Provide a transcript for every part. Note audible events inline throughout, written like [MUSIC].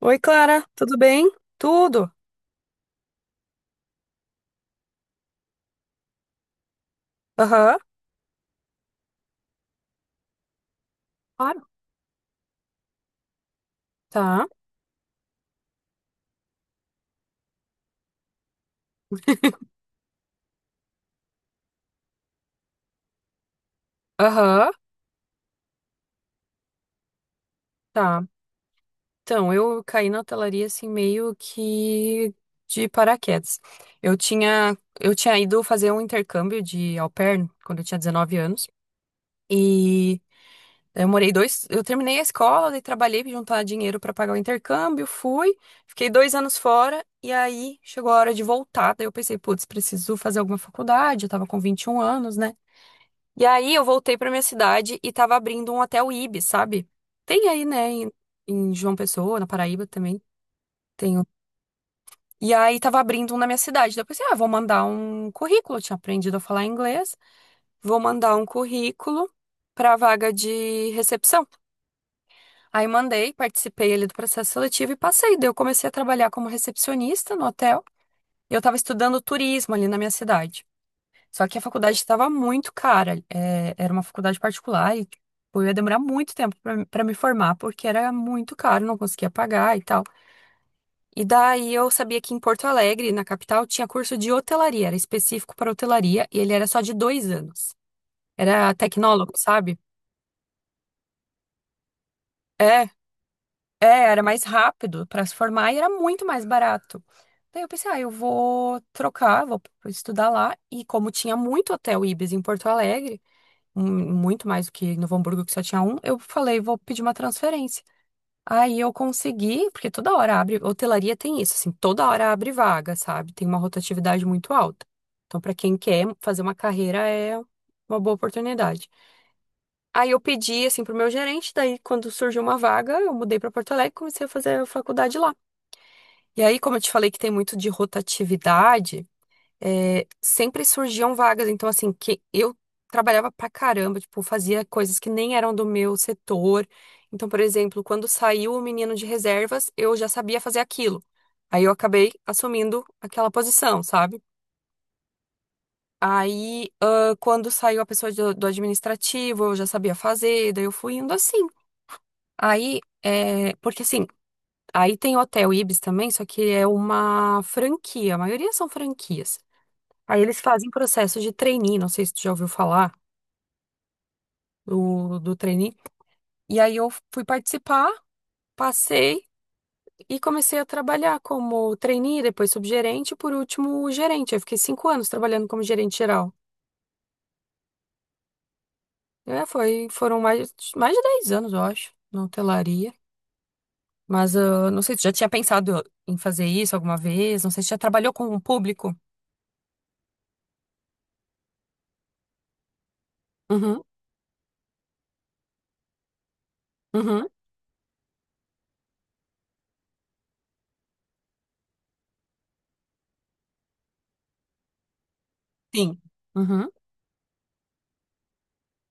Oi, Clara, tudo bem? Tudo? Aham. Claro. Tá. Aham. Tá. Então, eu caí na hotelaria assim meio que de paraquedas. Eu tinha ido fazer um intercâmbio de au pair quando eu tinha 19 anos e eu terminei a escola, daí trabalhei para juntar dinheiro para pagar o intercâmbio, fui, fiquei 2 anos fora e aí chegou a hora de voltar. Daí eu pensei, putz, preciso fazer alguma faculdade, eu tava com 21 anos, né? E aí eu voltei pra minha cidade e tava abrindo um hotel Ibis, sabe? Tem aí, né, em João Pessoa, na Paraíba também, tem. Um. E aí tava abrindo um na minha cidade. Daí eu pensei, ah, vou mandar um currículo, eu tinha aprendido a falar inglês, vou mandar um currículo pra vaga de recepção. Aí mandei, participei ali do processo seletivo e passei. Daí eu comecei a trabalhar como recepcionista no hotel. E eu tava estudando turismo ali na minha cidade. Só que a faculdade estava muito cara. Era uma faculdade particular e tipo, eu ia demorar muito tempo para me formar, porque era muito caro, não conseguia pagar e tal. E daí eu sabia que em Porto Alegre, na capital, tinha curso de hotelaria, era específico para hotelaria e ele era só de 2 anos. Era tecnólogo, sabe? É, era mais rápido para se formar e era muito mais barato. Daí eu pensei, ah, eu vou trocar, vou estudar lá. E como tinha muito hotel Ibis em Porto Alegre, muito mais do que em Novo Hamburgo, que só tinha um, eu falei, vou pedir uma transferência. Aí eu consegui, porque toda hora abre, hotelaria tem isso, assim, toda hora abre vaga, sabe? Tem uma rotatividade muito alta. Então, para quem quer fazer uma carreira, é uma boa oportunidade. Aí eu pedi, assim, pro meu gerente, daí quando surgiu uma vaga, eu mudei para Porto Alegre e comecei a fazer a faculdade lá. E aí, como eu te falei que tem muito de rotatividade, sempre surgiam vagas. Então, assim, que eu trabalhava pra caramba, tipo, fazia coisas que nem eram do meu setor. Então, por exemplo, quando saiu o menino de reservas, eu já sabia fazer aquilo. Aí eu acabei assumindo aquela posição, sabe? Aí, ah, quando saiu a pessoa do administrativo, eu já sabia fazer, daí eu fui indo assim. Aí, porque assim, aí tem o Hotel Ibis também, só que é uma franquia, a maioria são franquias. Aí eles fazem processo de trainee, não sei se tu já ouviu falar do trainee. E aí eu fui participar, passei e comecei a trabalhar como trainee, depois subgerente, e por último gerente. Eu fiquei 5 anos trabalhando como gerente geral. Foram mais de 10 anos, eu acho, na hotelaria. Mas não sei se tu já tinha pensado em fazer isso alguma vez, não sei se já trabalhou com o público. Uhum, uhum, sim. Uhum,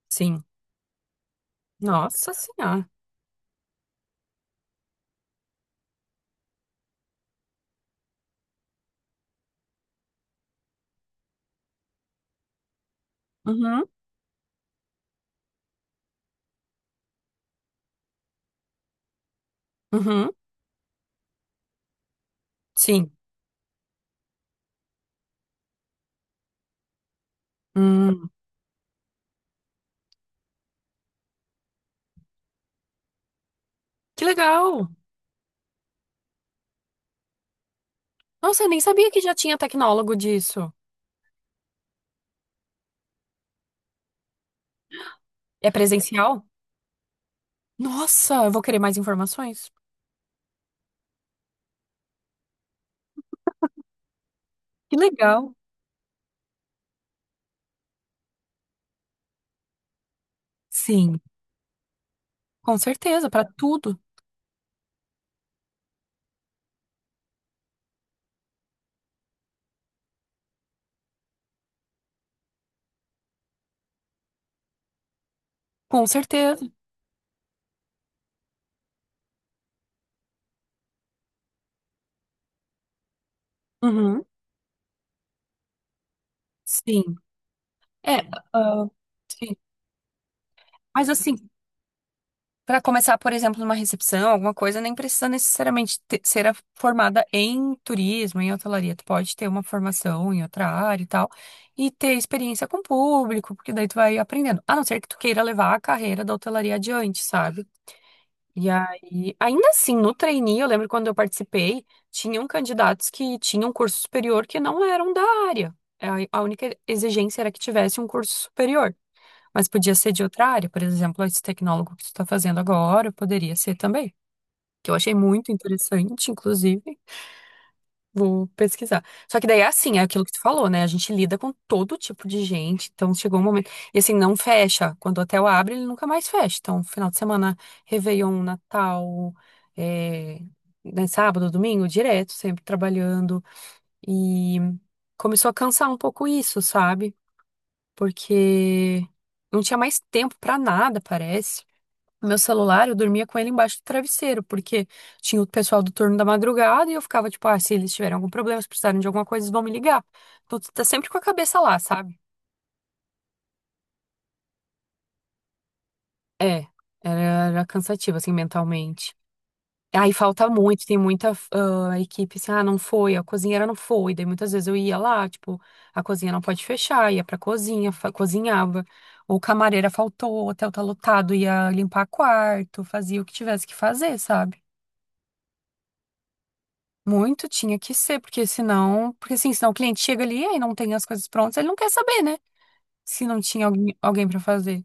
sim. Nossa Senhora. Uhum, uhum, sim. Hum. Que legal! Nossa, eu nem sabia que já tinha tecnólogo disso. É presencial? Nossa, eu vou querer mais informações. Que legal! Sim, com certeza, para tudo. Com certeza. Uhum. Sim. É, ah, sim. Mas assim, para começar, por exemplo, numa recepção, alguma coisa, nem precisa necessariamente ser formada em turismo, em hotelaria. Tu pode ter uma formação em outra área e tal, e ter experiência com o público, porque daí tu vai aprendendo. A não ser que tu queira levar a carreira da hotelaria adiante, sabe? E aí, ainda assim, no trainee, eu lembro quando eu participei, tinham candidatos que tinham um curso superior que não eram da área. A única exigência era que tivesse um curso superior, mas podia ser de outra área, por exemplo, esse tecnólogo que tu está fazendo agora, poderia ser também, que eu achei muito interessante, inclusive. Vou pesquisar. Só que daí é assim, é aquilo que tu falou, né? A gente lida com todo tipo de gente, então chegou um momento. E assim, não fecha. Quando o hotel abre, ele nunca mais fecha. Então, final de semana, Réveillon, Natal, é, né, sábado, domingo, direto, sempre trabalhando. E começou a cansar um pouco isso, sabe? Porque não tinha mais tempo pra nada, parece. Meu celular, eu dormia com ele embaixo do travesseiro, porque tinha o pessoal do turno da madrugada e eu ficava tipo, ah, se eles tiverem algum problema, se precisarem de alguma coisa, eles vão me ligar. Então tu tá sempre com a cabeça lá, sabe? É, era, era cansativo, assim, mentalmente. Aí falta muito, tem muita equipe assim, não foi, a cozinheira não foi. Daí muitas vezes eu ia lá, tipo, a cozinha não pode fechar, ia pra cozinha, cozinhava. Ou camareira faltou, o hotel tá lotado, ia limpar quarto, fazia o que tivesse que fazer, sabe? Muito tinha que ser, porque senão, porque assim, senão o cliente chega ali e não tem as coisas prontas, ele não quer saber, né? Se não tinha alguém para fazer.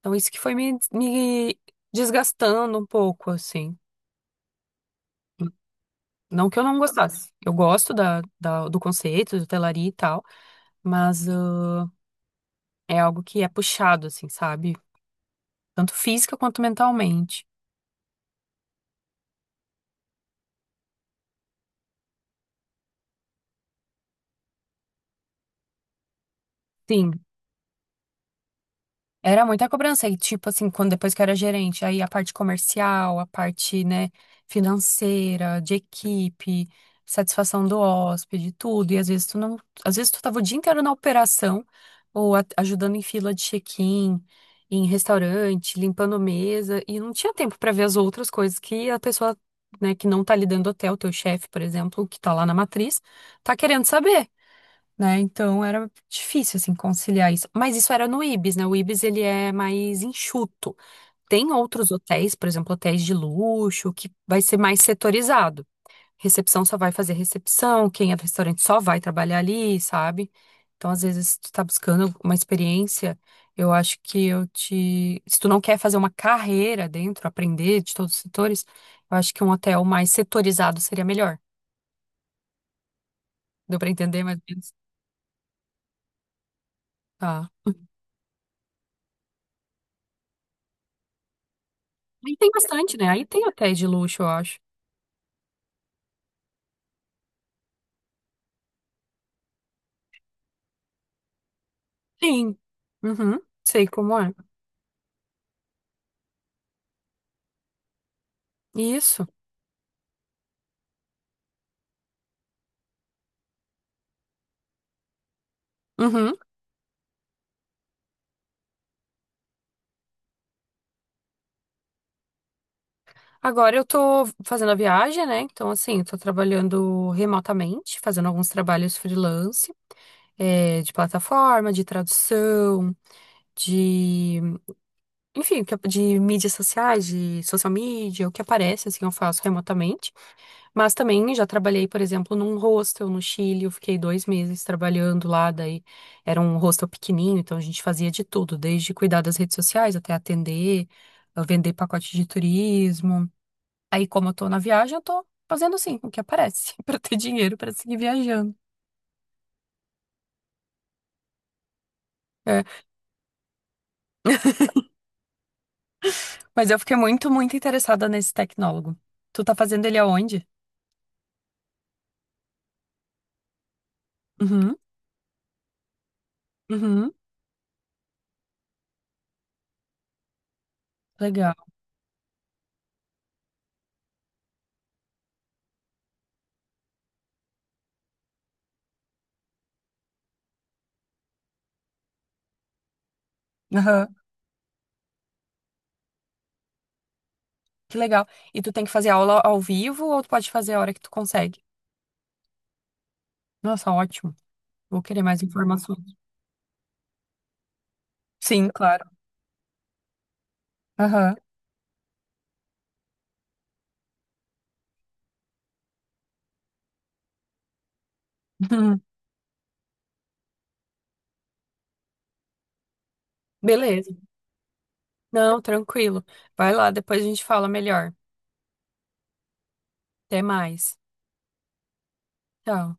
Então isso que foi me desgastando um pouco, assim. Não que eu não gostasse. Eu gosto da, do conceito, de hotelaria e tal, mas é algo que é puxado, assim, sabe? Tanto física quanto mentalmente. Sim. Era muita cobrança. E, tipo assim, quando depois que eu era gerente, aí a parte comercial, a parte, né, financeira, de equipe, satisfação do hóspede, tudo. E às vezes tu não. Às vezes tu tava o dia inteiro na operação, ou ajudando em fila de check-in, em restaurante, limpando mesa, e não tinha tempo pra ver as outras coisas que a pessoa, né, que não tá lidando do hotel, teu chefe, por exemplo, que tá lá na matriz, tá querendo saber né? Então era difícil assim conciliar isso. Mas isso era no Ibis, né? O Ibis ele é mais enxuto. Tem outros hotéis, por exemplo, hotéis de luxo, que vai ser mais setorizado. Recepção só vai fazer recepção, quem é do restaurante só vai trabalhar ali, sabe? Então, às vezes, se tu tá buscando uma experiência, eu acho que eu te. Se tu não quer fazer uma carreira dentro, aprender de todos os setores, eu acho que um hotel mais setorizado seria melhor. Deu pra entender mais ou menos? Tá. Aí tem bastante, né? Aí tem hotéis de luxo, eu acho. Sim. Uhum. Sei como é. Isso. Uhum. Agora eu tô fazendo a viagem, né? Então, assim, eu tô trabalhando remotamente, fazendo alguns trabalhos freelance, de plataforma, de tradução, de, enfim, de mídias sociais, de social media, o que aparece, assim, eu faço remotamente. Mas também já trabalhei, por exemplo, num hostel no Chile. Eu fiquei 2 meses trabalhando lá. Daí era um hostel pequenininho, então a gente fazia de tudo, desde cuidar das redes sociais até atender, vender pacote de turismo. Aí, como eu tô na viagem, eu tô fazendo assim, o que aparece, [LAUGHS] pra ter dinheiro pra seguir viajando. É, mas eu fiquei muito, muito interessada nesse tecnólogo. Tu tá fazendo ele aonde? Uhum, uhum, legal. Aham, que legal. E tu tem que fazer aula ao vivo ou tu pode fazer a hora que tu consegue? Nossa, ótimo. Vou querer mais informações. Sim, claro. Aham. [LAUGHS] Beleza. Não, tranquilo. Vai lá, depois a gente fala melhor. Até mais. Tchau.